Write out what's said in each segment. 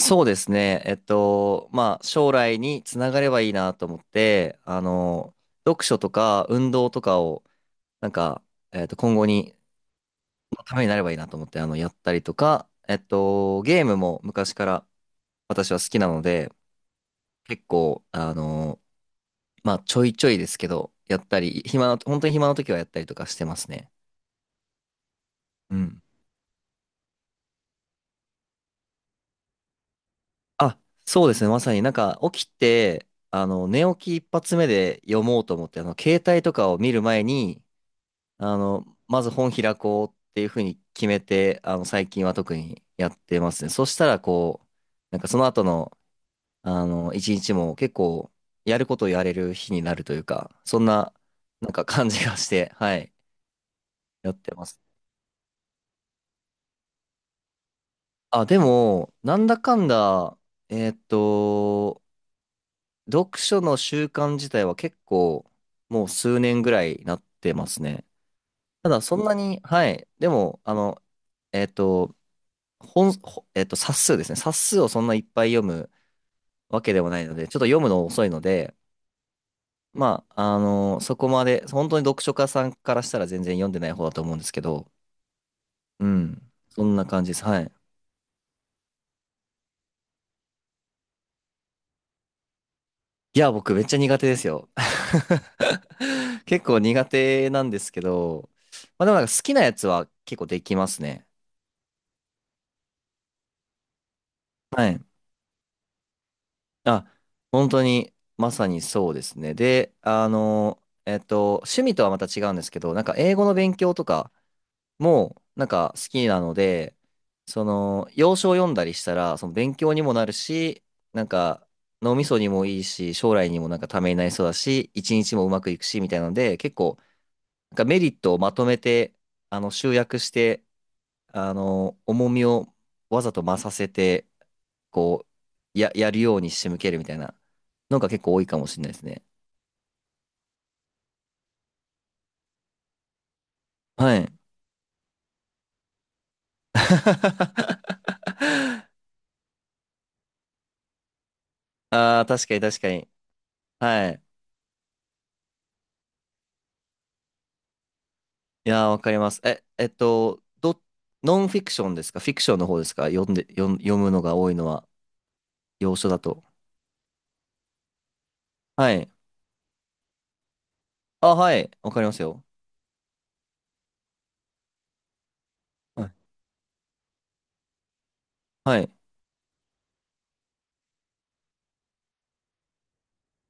そうですね。まあ、将来につながればいいなと思って、読書とか運動とかを、なんか、今後に、のためになればいいなと思って、やったりとか、ゲームも昔から私は好きなので、結構、まあ、ちょいちょいですけど、やったり、本当に暇な時はやったりとかしてますね。うん。あ、そうですね。まさになんか起きて、寝起き一発目で読もうと思って、携帯とかを見る前に、まず本開こうっていうふうに決めて、最近は特にやってますね。そしたら、こう、なんかその後の、一日も結構、やることをやれる日になるというか、そんな、なんか感じがして、はい、やってます。あ、でも、なんだかんだ、えーっと、読書の習慣自体は結構もう数年ぐらいなってますね。ただそんなに、はい。でも、あの、えっと、本、ほえっと、冊数ですね。冊数をそんないっぱい読むわけでもないので、ちょっと読むの遅いので、まあ、そこまで、本当に読書家さんからしたら全然読んでない方だと思うんですけど、うん。そんな感じです。はい。いや、僕めっちゃ苦手ですよ。結構苦手なんですけど、まあでもなんか好きなやつは結構できますね。はい。あ、本当に、まさにそうですね。で、趣味とはまた違うんですけど、なんか英語の勉強とかも、なんか好きなので、その、洋書を読んだりしたら、その勉強にもなるし、なんか、脳みそにもいいし、将来にもなんかためになりそうだし、一日もうまくいくし、みたいなので、結構、なんかメリットをまとめて、集約して、重みをわざと増させて、こう、やるように仕向けるみたいな。のが結構多いかもしれないですね。はい。ああ、確かに確かに。はい。いやー、わかります。え、ノンフィクションですか？フィクションの方ですか？読んで、読ん、読むのが多いのは、洋書だと。はい。あ、はい。わかりますよ。はい。はい。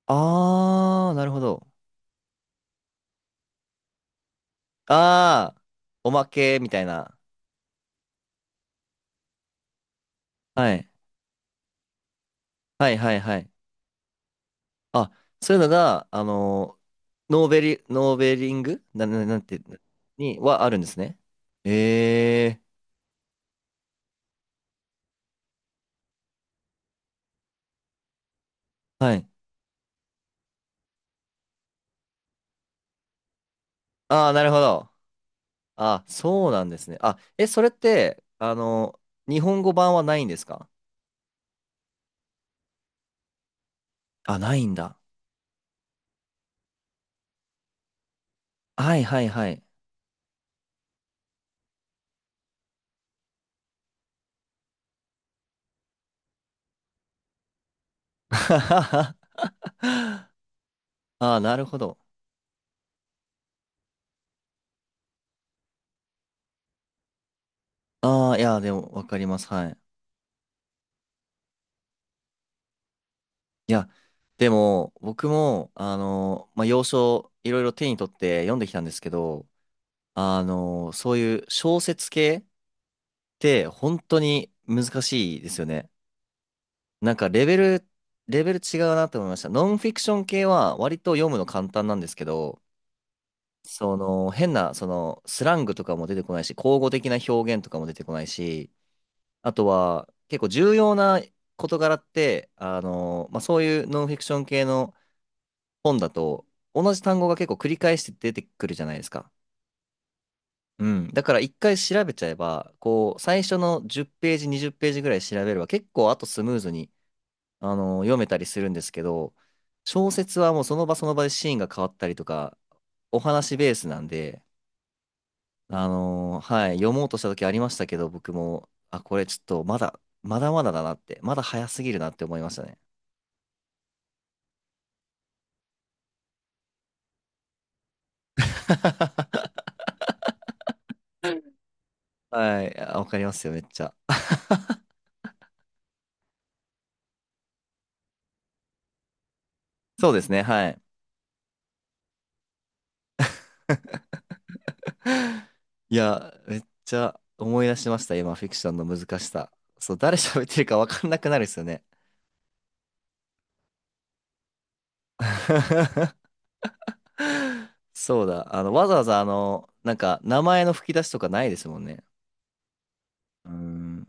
あー、なるほど。あー、おまけみたいな。はい。はいはいはい。あ、そういうのが、ノーベリングな、なんて、にはあるんですね。ええはい。ああ、なるほど。あ、そうなんですね。あ、え、それって、日本語版はないんですか？あ、ないんだ。はいはいはい。ああ、なるほど。ああ、いや、でも、わかります。はい。いや、でも、僕も、まあ、洋書、いろいろ手に取って読んできたんですけど、そういう小説系って本当に難しいですよね。なんかレベル違うなって思いました。ノンフィクション系は割と読むの簡単なんですけど、その変な、そのスラングとかも出てこないし、口語的な表現とかも出てこないし、あとは結構重要な事柄って、まあ、そういうノンフィクション系の本だと同じ単語が結構繰り返して出てくるじゃないですか。うん。だから一回調べちゃえば、こう、最初の10ページ、20ページぐらい調べれば、結構あとスムーズに、読めたりするんですけど、小説はもうその場その場でシーンが変わったりとか、お話ベースなんで、はい、読もうとした時ありましたけど、僕も、あ、これちょっとまだまだだなって、まだ早すぎるなって思いましたね。はい、あわかりますよ、めっちゃ。そうですね、はい。いや、めっちゃ思い出しました、今、フィクションの難しさ。そう、誰喋ってるか分かんなくなるですよね。そうだ、わざわざ、なんか、名前の吹き出しとかないですもんね。うん、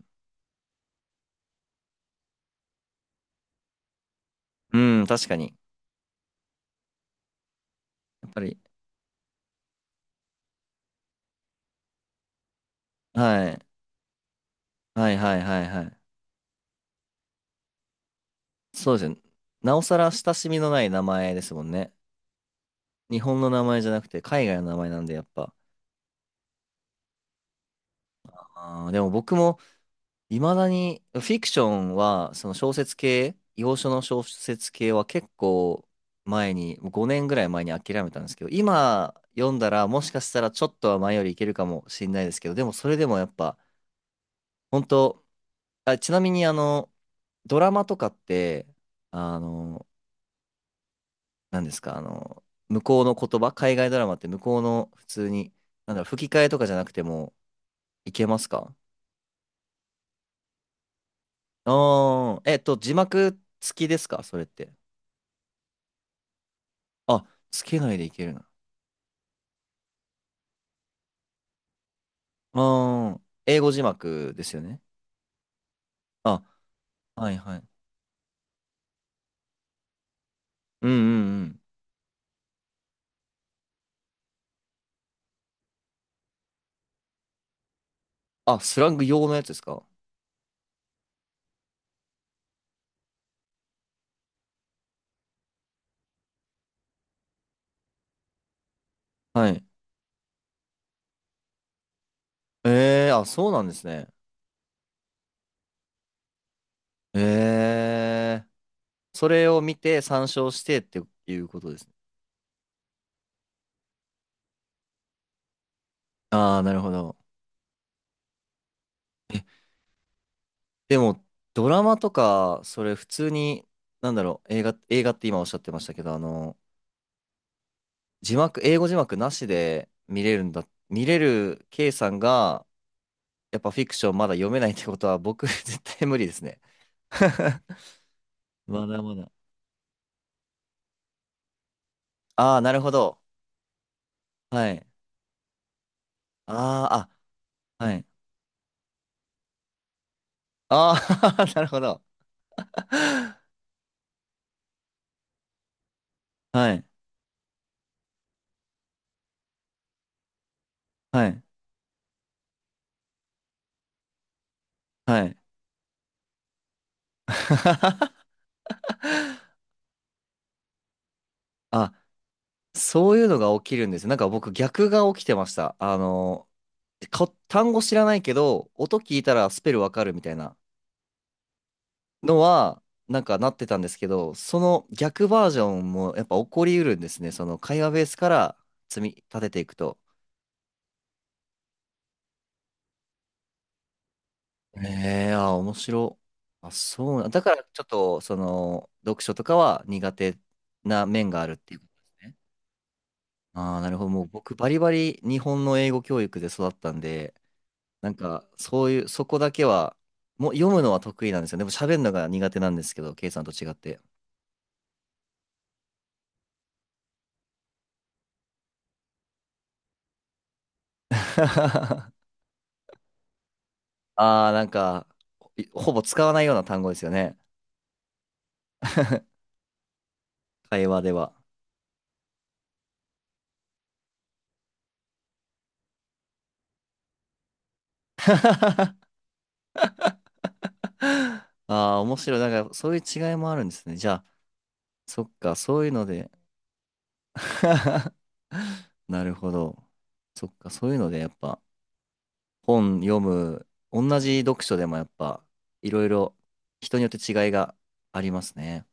うん、確かに。やっぱり、はい、はい、はい、はい、はい。そうですよね。なおさら親しみのない名前ですもんね。日本の名前じゃなくて、海外の名前なんで、やっぱ。あー、でも僕も、いまだに、フィクションは、その小説系、洋書の小説系は結構前に、もう5年ぐらい前に諦めたんですけど、今読んだらもしかしたらちょっとは前よりいけるかもしれないですけど、でもそれでもやっぱ、本当、あ、ちなみにドラマとかって、あの、何ですか、向こうの言葉、海外ドラマって向こうの普通に、なんだろう、吹き替えとかじゃなくてもいけますか？ああー、字幕付きですか？それって。あ、つけないでいけるな。ああ、英語字幕ですよね。あ、はいはい。うんうんうん。あ、スラング用のやつですか？はい。ええー、あ、そうなんですね。ええー。それを見て参照してっていうことですね。ああ、なるほど。え、でも、ドラマとか、それ普通に、なんだろう、映画って今おっしゃってましたけど、字幕、英語字幕なしで見れるんだ、見れる K さんが、やっぱフィクションまだ読めないってことは僕 絶対無理ですね。まだまだ。ああ、なるほど。はい。ああ、あ、はい。ああ、なるほど。はい。はい。はい。あ、そういうのが起きるんですよ。なんか僕逆が起きてました。単語知らないけど、音聞いたらスペルわかるみたいなのは、なんかなってたんですけど、その逆バージョンもやっぱ起こりうるんですね。その会話ベースから積み立てていくと。ええああ、面白。あ、そうな。だから、ちょっと、その、読書とかは苦手な面があるっていうことですね。ああ、なるほど。もう僕、バリバリ日本の英語教育で育ったんで、なんか、そういう、そこだけは、もう読むのは得意なんですよ。でも、喋るのが苦手なんですけど、ケイさんと違って。ああ、なんか、ほほぼ使わないような単語ですよね。会話では。ああ、面白い。なんか、そういう違いもあるんですね。じゃあ、そっか、そういうので。なるほど。そっか、そういうのでやっぱ本読む、同じ読書でもやっぱいろいろ人によって違いがありますね。